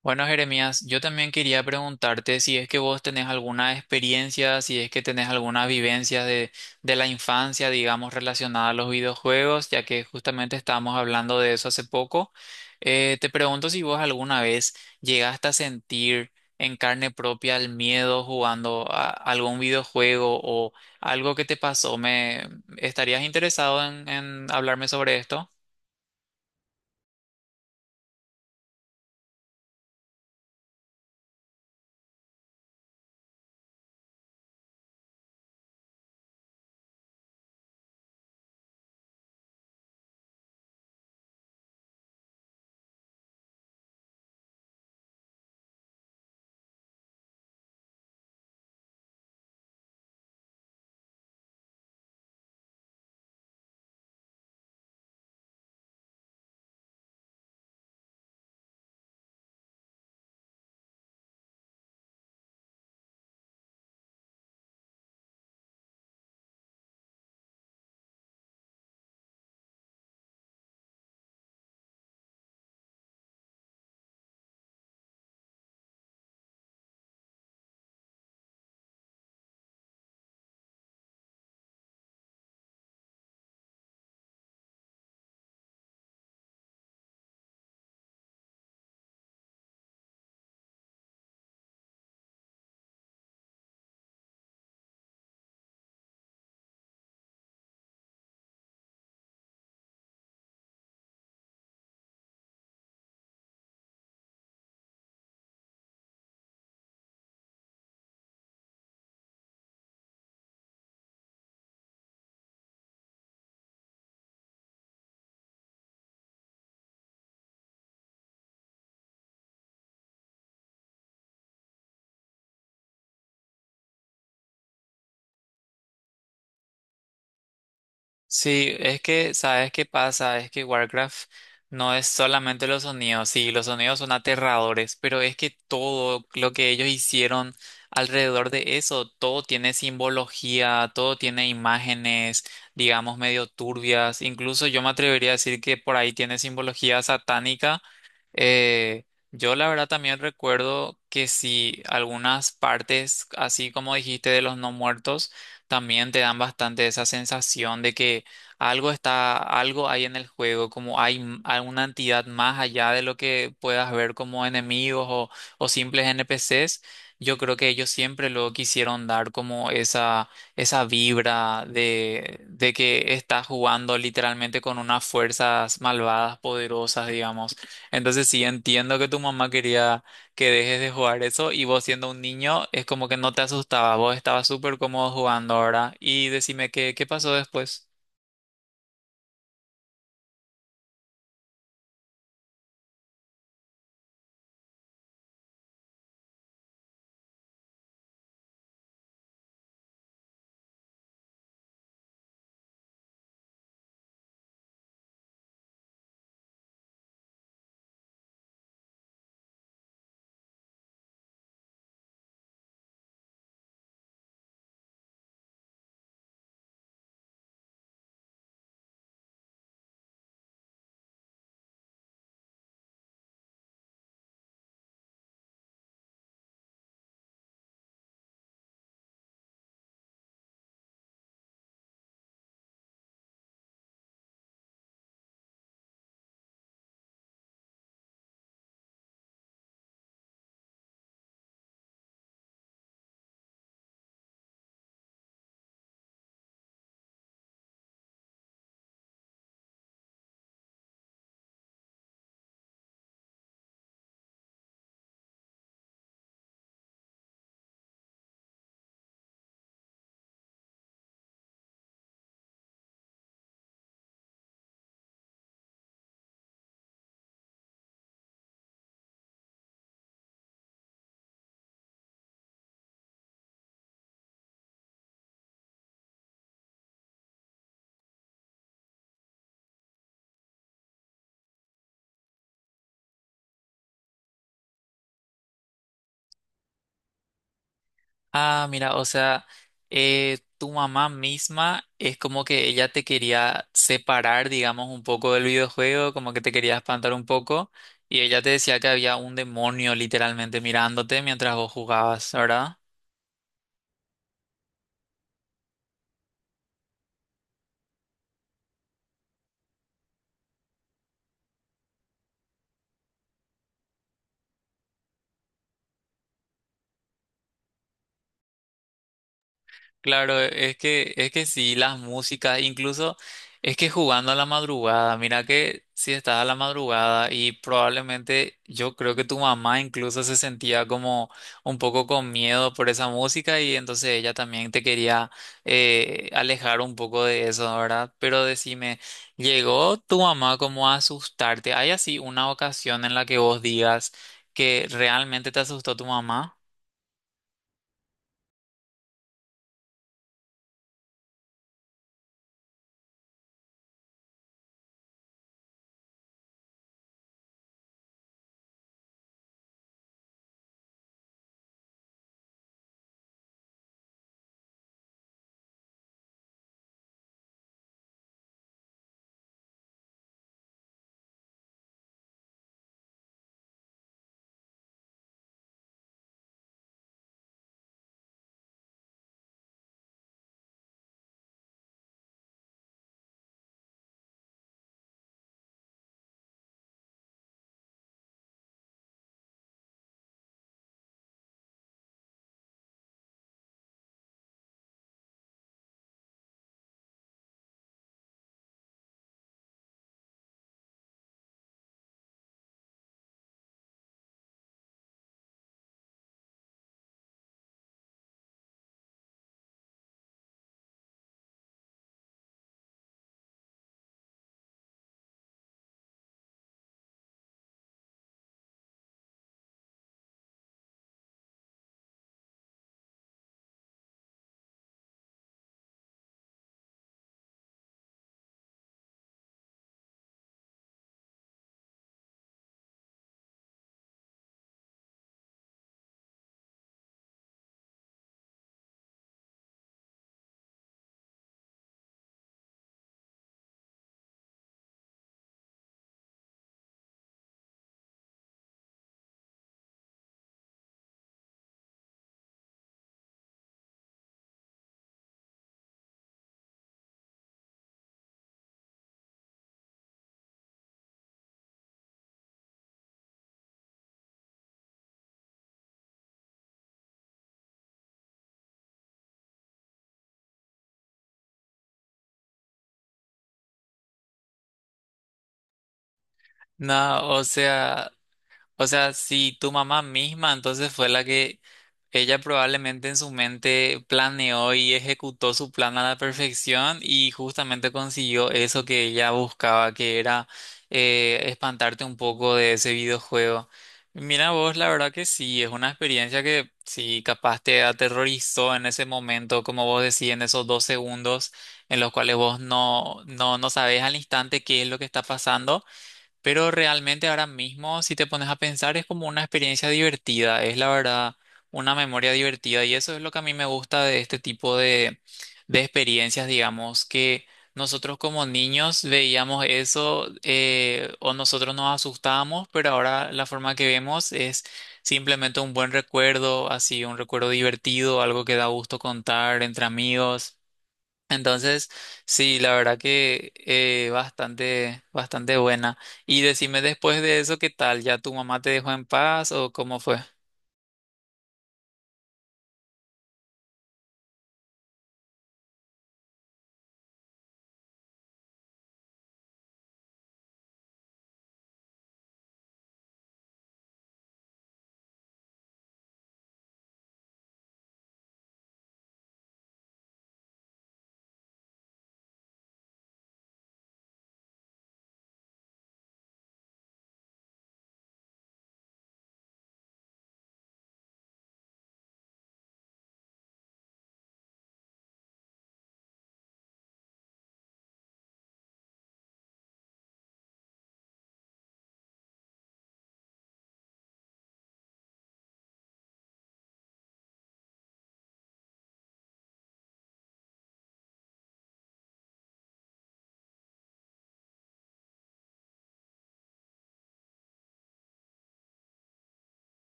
Bueno, Jeremías, yo también quería preguntarte si es que vos tenés alguna experiencia, si es que tenés alguna vivencia de la infancia, digamos, relacionada a los videojuegos, ya que justamente estábamos hablando de eso hace poco. Te pregunto si vos alguna vez llegaste a sentir en carne propia el miedo jugando a algún videojuego o algo que te pasó. ¿Me estarías interesado en hablarme sobre esto? Sí, es que, ¿sabes qué pasa? Es que Warcraft no es solamente los sonidos, sí, los sonidos son aterradores, pero es que todo lo que ellos hicieron alrededor de eso, todo tiene simbología, todo tiene imágenes, digamos, medio turbias. Incluso yo me atrevería a decir que por ahí tiene simbología satánica. Eh, yo la verdad también recuerdo que si algunas partes, así como dijiste, de los no muertos, también te dan bastante esa sensación de que algo está, algo hay en el juego, como hay alguna entidad más allá de lo que puedas ver como enemigos o simples NPCs. Yo creo que ellos siempre lo quisieron dar como esa vibra de que estás jugando literalmente con unas fuerzas malvadas, poderosas, digamos. Entonces sí, entiendo que tu mamá quería que dejes de jugar eso, y vos siendo un niño es como que no te asustaba, vos estabas súper cómodo jugando ahora. Y decime qué, qué pasó después. Ah, mira, o sea, tu mamá misma es como que ella te quería separar, digamos, un poco del videojuego, como que te quería espantar un poco, y ella te decía que había un demonio literalmente mirándote mientras vos jugabas, ¿verdad? Claro, es que sí, las músicas, incluso es que jugando a la madrugada, mira, que si estás a la madrugada y probablemente yo creo que tu mamá incluso se sentía como un poco con miedo por esa música, y entonces ella también te quería alejar un poco de eso, ¿verdad? Pero decime, ¿llegó tu mamá como a asustarte? ¿Hay así una ocasión en la que vos digas que realmente te asustó tu mamá? No, o sea. O sea, si tu mamá misma entonces fue la que ella probablemente en su mente planeó y ejecutó su plan a la perfección, y justamente consiguió eso que ella buscaba, que era espantarte un poco de ese videojuego. Mira vos, la verdad que sí, es una experiencia que sí, capaz te aterrorizó en ese momento, como vos decís, en esos dos segundos en los cuales vos no sabés al instante qué es lo que está pasando. Pero realmente ahora mismo, si te pones a pensar, es como una experiencia divertida, es la verdad una memoria divertida, y eso es lo que a mí me gusta de este tipo de experiencias, digamos, que nosotros como niños veíamos eso, o nosotros nos asustábamos, pero ahora la forma que vemos es simplemente un buen recuerdo, así un recuerdo divertido, algo que da gusto contar entre amigos. Entonces, sí, la verdad que bastante, bastante buena. Y decime, después de eso, ¿qué tal? ¿Ya tu mamá te dejó en paz o cómo fue?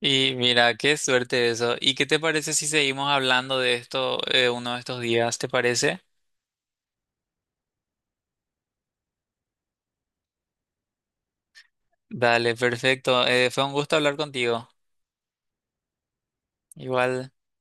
Y mira, qué suerte eso. ¿Y qué te parece si seguimos hablando de esto, uno de estos días? ¿Te parece? Dale, perfecto. Fue un gusto hablar contigo. Igual.